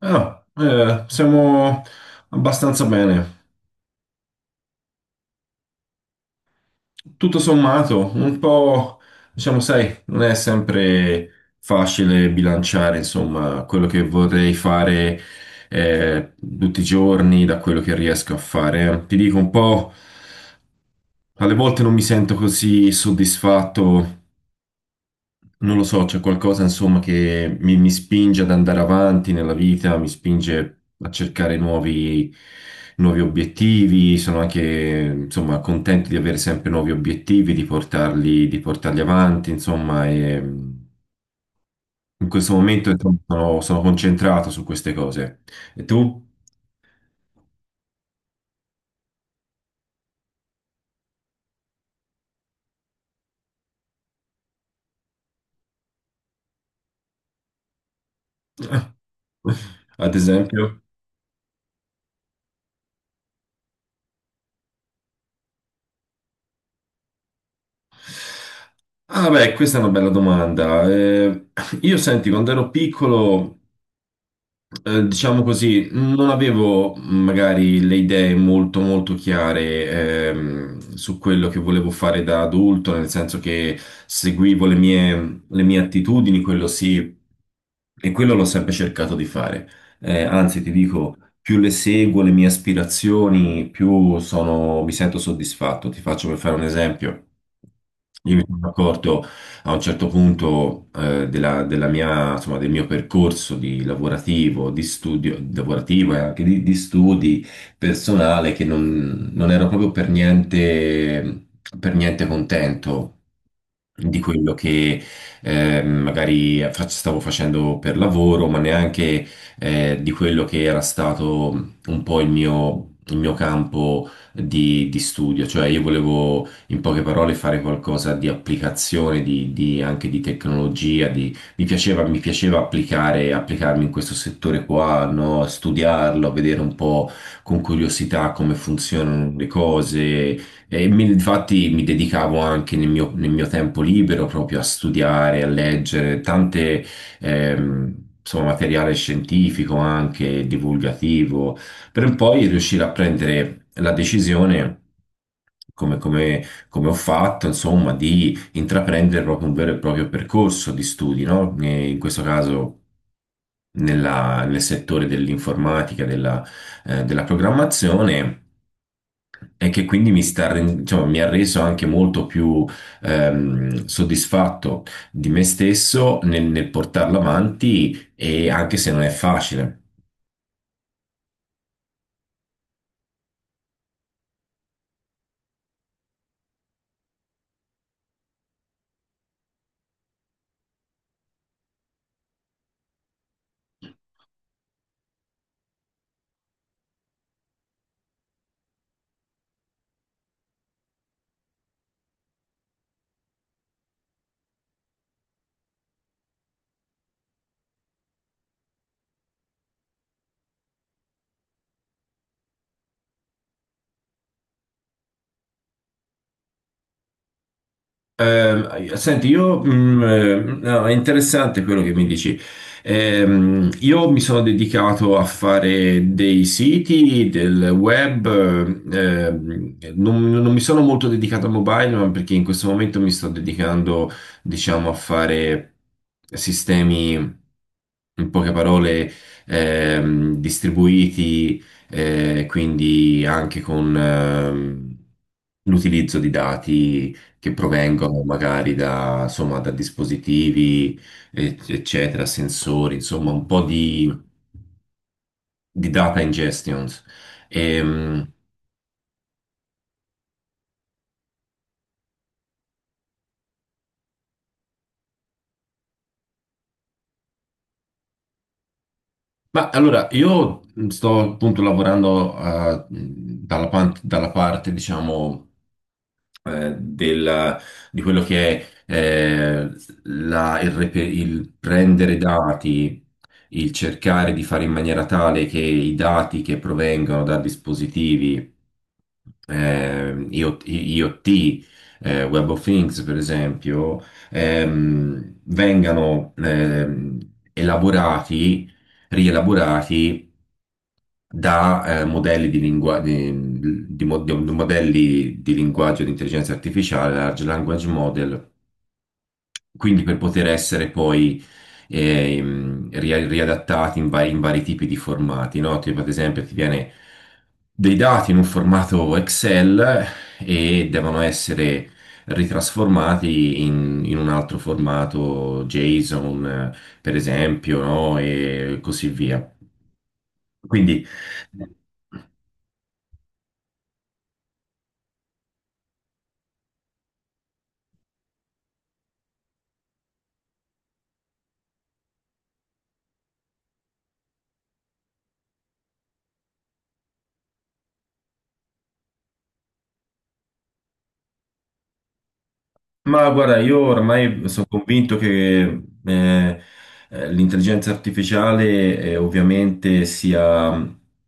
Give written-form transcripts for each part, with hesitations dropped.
Siamo abbastanza bene. Tutto sommato, un po', diciamo, sai, non è sempre facile bilanciare, insomma, quello che vorrei fare tutti i giorni da quello che riesco a fare. Ti dico un po', alle volte non mi sento così soddisfatto. Non lo so, c'è qualcosa insomma che mi spinge ad andare avanti nella vita, mi spinge a cercare nuovi obiettivi, sono anche insomma contento di avere sempre nuovi obiettivi, di portarli avanti, insomma, e in questo momento insomma, sono concentrato su queste cose. E tu? Ad esempio? Ah beh, questa è una bella domanda. Io senti, quando ero piccolo... diciamo così, non avevo magari le idee molto molto chiare su quello che volevo fare da adulto, nel senso che seguivo le mie attitudini, quello sì, e quello l'ho sempre cercato di fare. Anzi, ti dico, più le seguo, le mie aspirazioni, più sono, mi sento soddisfatto. Ti faccio per fare un esempio. Io mi sono accorto a un certo punto della mia, insomma, del mio percorso di lavorativo, di studio, lavorativo e anche di studi personale che non ero proprio per niente contento di quello che magari stavo facendo per lavoro, ma neanche di quello che era stato un po' il mio campo di studio. Cioè io volevo in poche parole fare qualcosa di applicazione, anche di tecnologia, mi piaceva applicare, applicarmi in questo settore qua, no? Studiarlo, vedere un po' con curiosità come funzionano le cose e infatti mi dedicavo anche nel mio tempo libero proprio a studiare, a leggere tante, ehm, insomma, materiale scientifico anche, divulgativo, per poi riuscire a prendere la decisione, come, come- come ho fatto, insomma, di intraprendere proprio un vero e proprio percorso di studi, no? E in questo caso nel settore dell'informatica, della programmazione e che quindi mi sta, diciamo, mi ha reso anche molto più soddisfatto di me stesso nel portarlo avanti e anche se non è facile. Senti, no, è interessante quello che mi dici. Io mi sono dedicato a fare dei siti, del web, non mi sono molto dedicato al mobile, ma perché in questo momento mi sto dedicando, diciamo, a fare sistemi, in poche parole, distribuiti, quindi anche con l'utilizzo di dati che provengono magari da, insomma, da dispositivi, eccetera, sensori, insomma, un po' di data ingestions. Ehm, ma allora, io sto appunto lavorando dalla parte, diciamo, eh, del- di quello che è il prendere dati, il cercare di fare in maniera tale che i dati che provengono da dispositivi IoT, Web of Things, per esempio, vengano elaborati, rielaborati da modelli di modelli di linguaggio di intelligenza artificiale, large language model, quindi per poter essere poi riadattati in vari tipi di formati, no? Tipo ad esempio ti viene dei dati in un formato Excel e devono essere ritrasformati in un altro formato JSON, per esempio, no? E così via. Quindi... Ma guarda, io ormai sono convinto che eh, l'intelligenza artificiale ovviamente sia,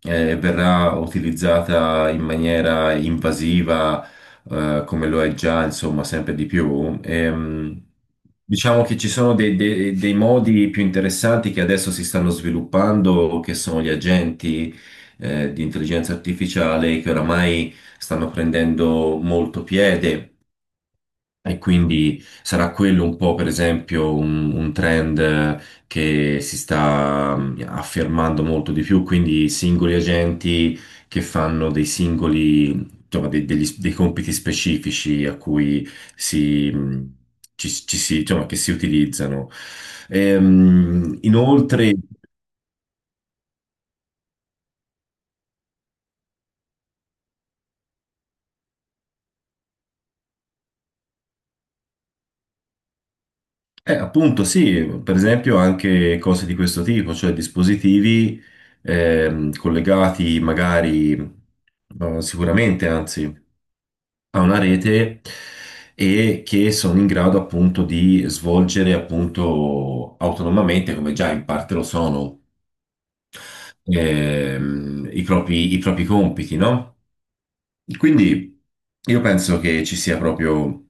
verrà utilizzata in maniera invasiva, come lo è già, insomma, sempre di più. Diciamo che ci sono dei modi più interessanti che adesso si stanno sviluppando, che sono gli agenti, di intelligenza artificiale che oramai stanno prendendo molto piede. E quindi sarà quello un po', per esempio, un trend che si sta affermando molto di più, quindi singoli agenti che fanno dei singoli, insomma, dei compiti specifici a cui si, mm, ci si, insomma, che si utilizzano. Inoltre, sì. Appunto, sì, per esempio anche cose di questo tipo, cioè dispositivi collegati magari, sicuramente anzi, a una rete e che sono in grado appunto di svolgere appunto autonomamente, come già in parte lo sono, i propri compiti, no? Quindi io penso che ci sia proprio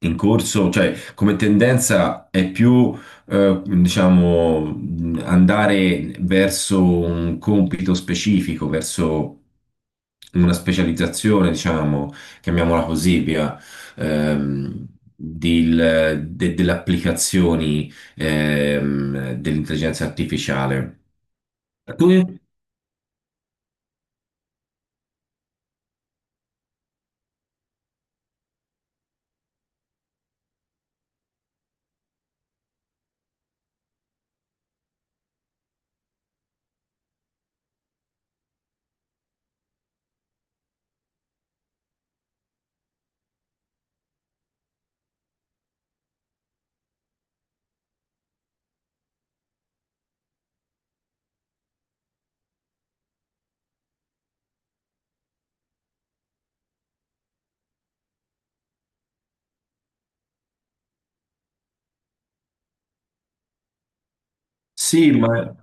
in corso, cioè come tendenza è più, diciamo, andare verso un compito specifico, verso una specializzazione, diciamo, chiamiamola così, via, ehm, delle applicazioni dell'intelligenza artificiale. Tu? Sì, ma...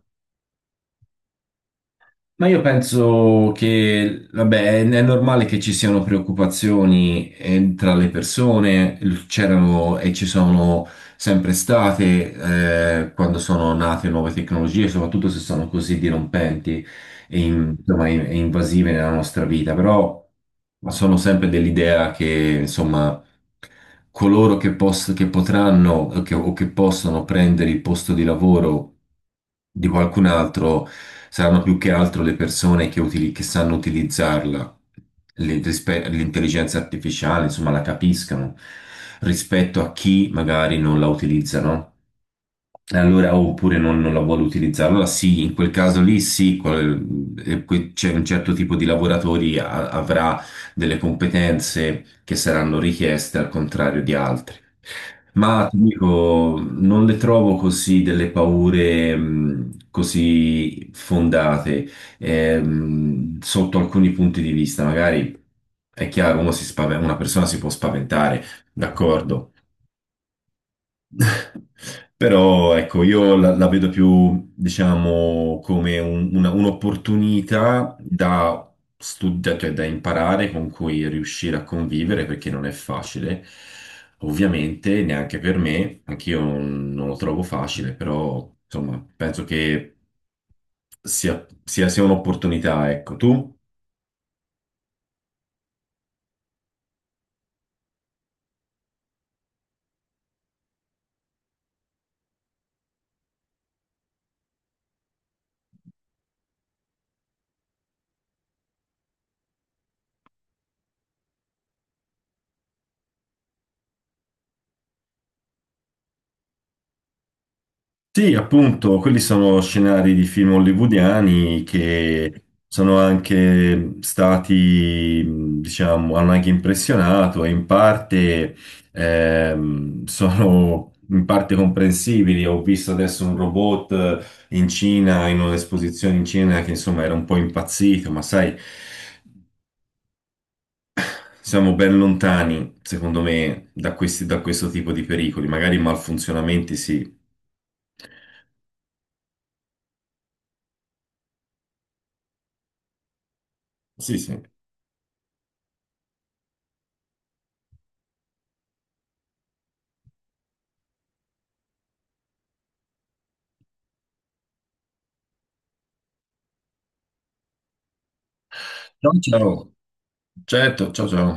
Ma io penso che, vabbè, è normale che ci siano preoccupazioni tra le persone, c'erano e ci sono sempre state quando sono nate nuove tecnologie, soprattutto se sono così dirompenti e, insomma, e invasive nella nostra vita, però ma sono sempre dell'idea che, insomma, coloro che, che potranno o che possono prendere il posto di lavoro di qualcun altro saranno più che altro le persone che, che sanno utilizzarla, l'intelligenza artificiale, insomma, la capiscano rispetto a chi magari non la utilizza, no? E allora, oh, oppure non la vuole utilizzare. Allora sì, in quel caso lì sì, c'è un certo tipo di lavoratori avrà delle competenze che saranno richieste al contrario di altri. Ma ti dico, non le trovo così delle paure così fondate sotto alcuni punti di vista. Magari è chiaro, uno una persona si può spaventare, d'accordo. Però ecco, la vedo più, diciamo, come un'opportunità da studiare, cioè da imparare, con cui riuscire a convivere, perché non è facile. Ovviamente, neanche per me, anch'io non lo trovo facile, però insomma, penso che sia un'opportunità, ecco, tu? Sì, appunto, quelli sono scenari di film hollywoodiani che sono anche stati, diciamo, hanno anche impressionato e in parte sono in parte comprensibili. Ho visto adesso un robot in Cina, in un'esposizione in Cina che insomma era un po' impazzito, ma sai, siamo ben lontani, secondo me, da questi, da questo tipo di pericoli, magari malfunzionamenti, sì. Sì, sì. Ciao, ciao. Certo, ciao ciao.